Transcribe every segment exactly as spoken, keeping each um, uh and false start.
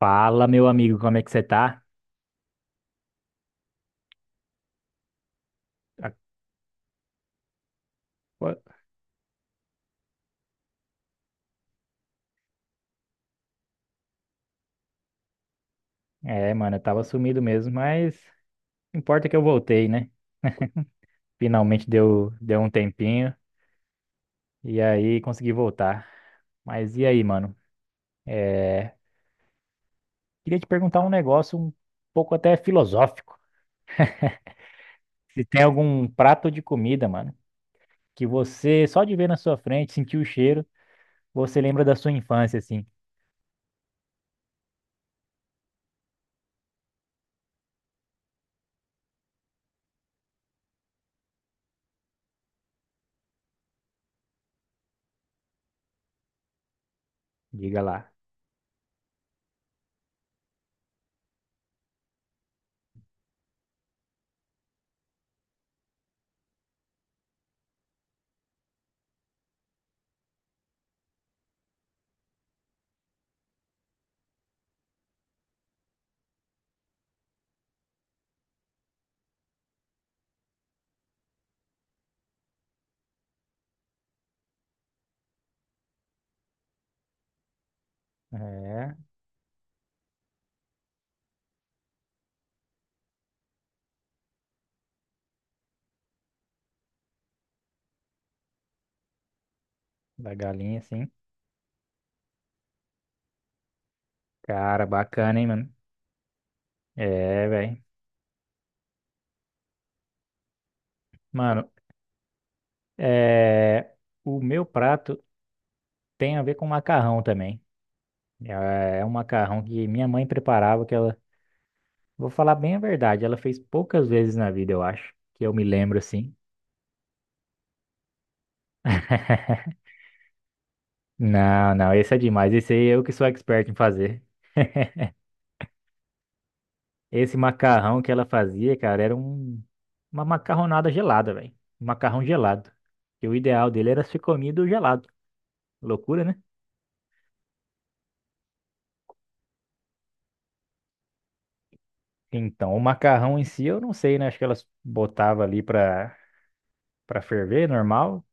Fala, meu amigo, como é que você tá? A- pô- É, mano, eu tava sumido mesmo, mas o que importa é que eu voltei, né? Finalmente deu, deu um tempinho e aí consegui voltar. Mas e aí, mano? É, Queria te perguntar um negócio um pouco até filosófico. Se tem algum prato de comida, mano, que você só de ver na sua frente, sentir o cheiro, você lembra da sua infância, assim. Diga lá. É, da galinha, assim. Cara, bacana, hein, mano? É, velho. Mano, É, o meu prato tem a ver com macarrão também. É é um macarrão que minha mãe preparava, que ela, vou falar bem a verdade, ela fez poucas vezes na vida, eu acho, que eu me lembro assim. Não, não, esse é demais. Esse aí eu que sou expert em fazer. Esse macarrão que ela fazia, cara, era um, uma macarronada gelada, velho. Um macarrão gelado. Que o ideal dele era ser comido gelado. Loucura, né? Então, o macarrão em si, eu não sei, né? Acho que elas botava ali pra, pra ferver, normal.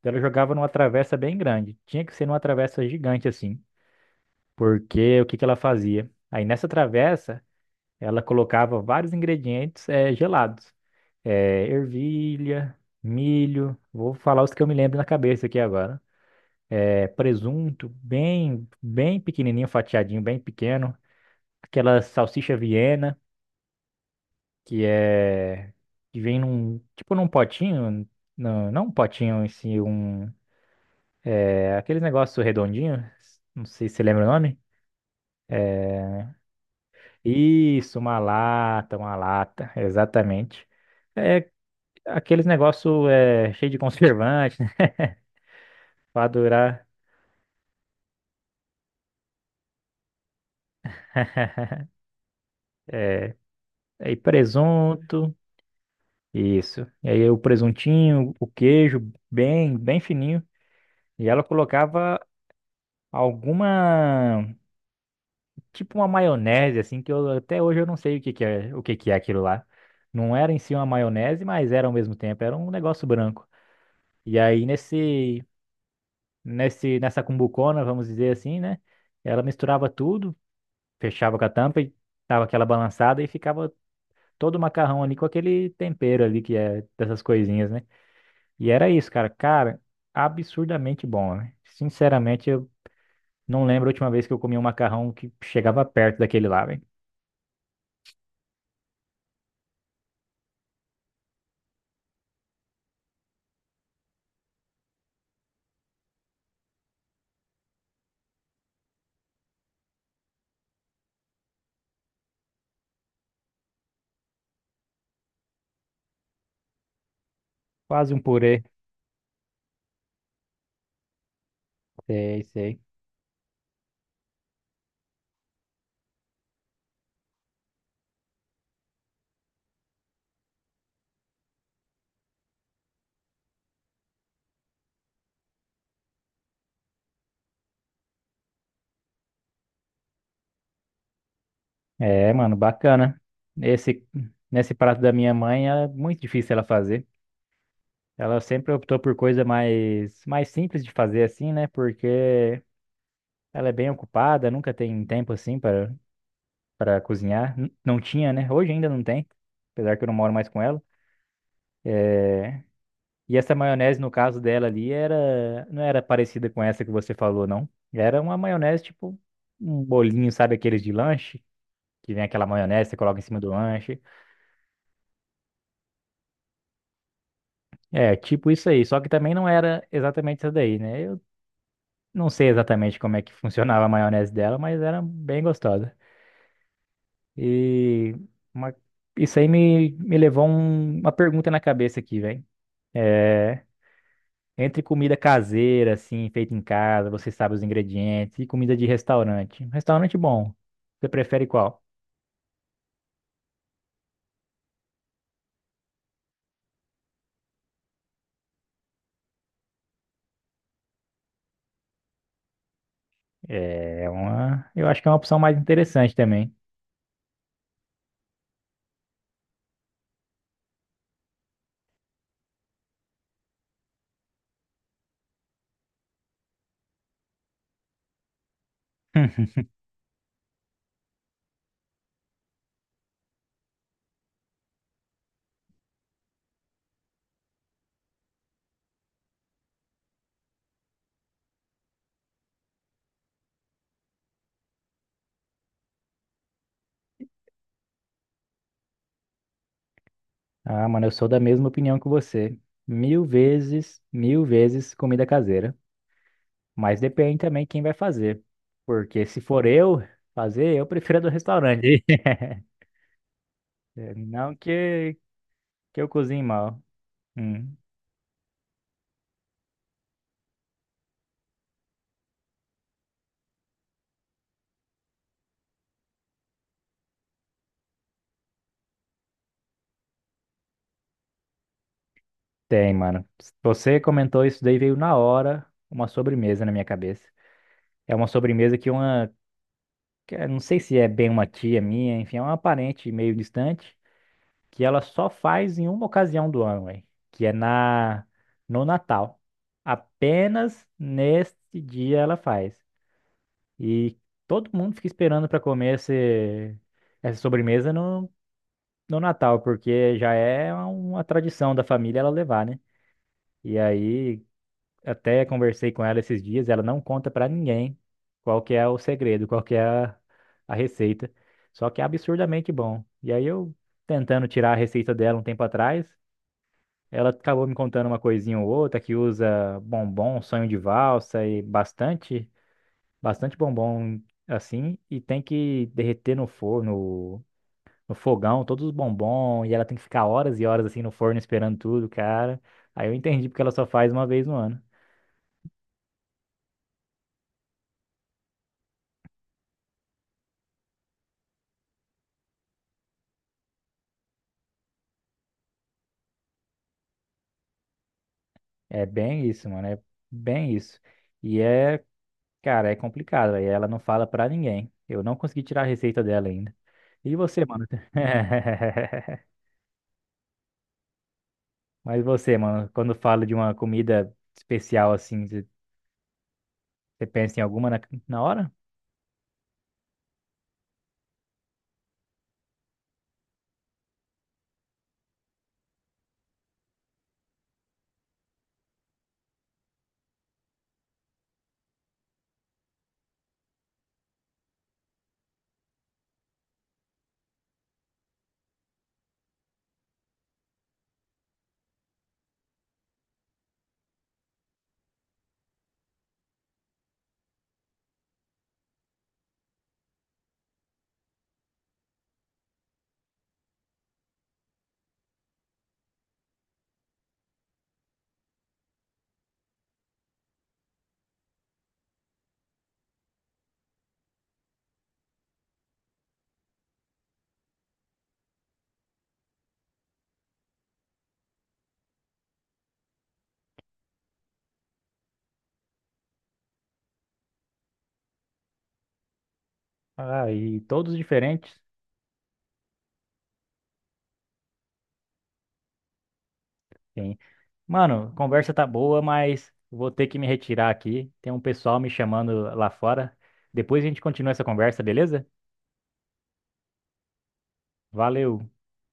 Então, ela jogava numa travessa bem grande. Tinha que ser numa travessa gigante assim, porque o que que ela fazia? Aí nessa travessa, ela colocava vários ingredientes eh, gelados. Eh, ervilha, milho, vou falar os que eu me lembro na cabeça aqui agora. Eh, presunto, bem, bem pequenininho, fatiadinho, bem pequeno. Aquela salsicha Viena, que é que vem num, tipo num potinho, não, não um potinho em si, um aquele negócio redondinho, não sei se você lembra o nome. Isso, uma lata, uma lata, exatamente. É aqueles negócio é, cheio de conservante, né? Pra durar. É, aí presunto, isso. E aí o presuntinho, o queijo, bem, bem fininho. E ela colocava alguma, tipo uma maionese, assim, que eu até hoje eu não sei o que que é, o que que é aquilo lá. Não era em si uma maionese, mas era ao mesmo tempo, era um negócio branco. E aí nesse, nesse, nessa cumbucona, vamos dizer assim, né? Ela misturava tudo, fechava com a tampa e dava aquela balançada e ficava todo o macarrão ali com aquele tempero ali que é dessas coisinhas, né? E era isso, cara. Cara, absurdamente bom, né? Sinceramente, eu não lembro a última vez que eu comi um macarrão que chegava perto daquele lá, velho. Quase um purê. Sei, sei. É, mano, bacana. Esse, nesse prato da minha mãe é muito difícil ela fazer. Ela sempre optou por coisa mais, mais simples de fazer assim, né? Porque ela é bem ocupada, nunca tem tempo assim para para cozinhar. N- Não tinha, né? Hoje ainda não tem, apesar que eu não moro mais com ela. É, E essa maionese, no caso dela ali, era não era parecida com essa que você falou, não. Era uma maionese tipo um bolinho, sabe aqueles de lanche? Que vem aquela maionese, você coloca em cima do lanche. É, tipo isso aí. Só que também não era exatamente essa daí, né? Eu não sei exatamente como é que funcionava a maionese dela, mas era bem gostosa. E uma- isso aí me, me levou um- uma pergunta na cabeça aqui, velho. É, entre comida caseira, assim, feita em casa, você sabe os ingredientes, e comida de restaurante. Um restaurante bom, você prefere qual? É uma, eu acho que é uma opção mais interessante também. Ah, mano, eu sou da mesma opinião que você. Mil vezes, mil vezes comida caseira. Mas depende também quem vai fazer. Porque se for eu fazer, eu prefiro a do restaurante. Não que, que eu cozinhe mal. Hum, tem, mano. Você comentou isso daí, veio na hora uma sobremesa na minha cabeça. É uma sobremesa que uma. Que eu não sei se é bem uma tia minha, enfim, é uma parente meio distante, que ela só faz em uma ocasião do ano, véi, que é na, no Natal. Apenas nesse dia ela faz. E todo mundo fica esperando para comer esse, essa sobremesa no, no Natal, porque já é uma tradição da família ela levar, né? E aí, até conversei com ela esses dias, ela não conta para ninguém qual que é o segredo, qual que é a, a receita. Só que é absurdamente bom. E aí eu tentando tirar a receita dela um tempo atrás, ela acabou me contando uma coisinha ou outra que usa bombom, sonho de valsa e bastante bastante bombom assim e tem que derreter no forno, no fogão, todos os bombons e ela tem que ficar horas e horas assim no forno esperando tudo, cara. Aí eu entendi porque ela só faz uma vez no ano. É bem isso, mano, é bem isso. E é, cara, é complicado, aí ela não fala pra ninguém. Eu não consegui tirar a receita dela ainda. E você, mano? Mas você, mano, quando fala de uma comida especial assim, você você pensa em alguma na, na hora? Ah, e todos diferentes. Sim. Mano, a conversa tá boa, mas vou ter que me retirar aqui. Tem um pessoal me chamando lá fora. Depois a gente continua essa conversa, beleza? Valeu.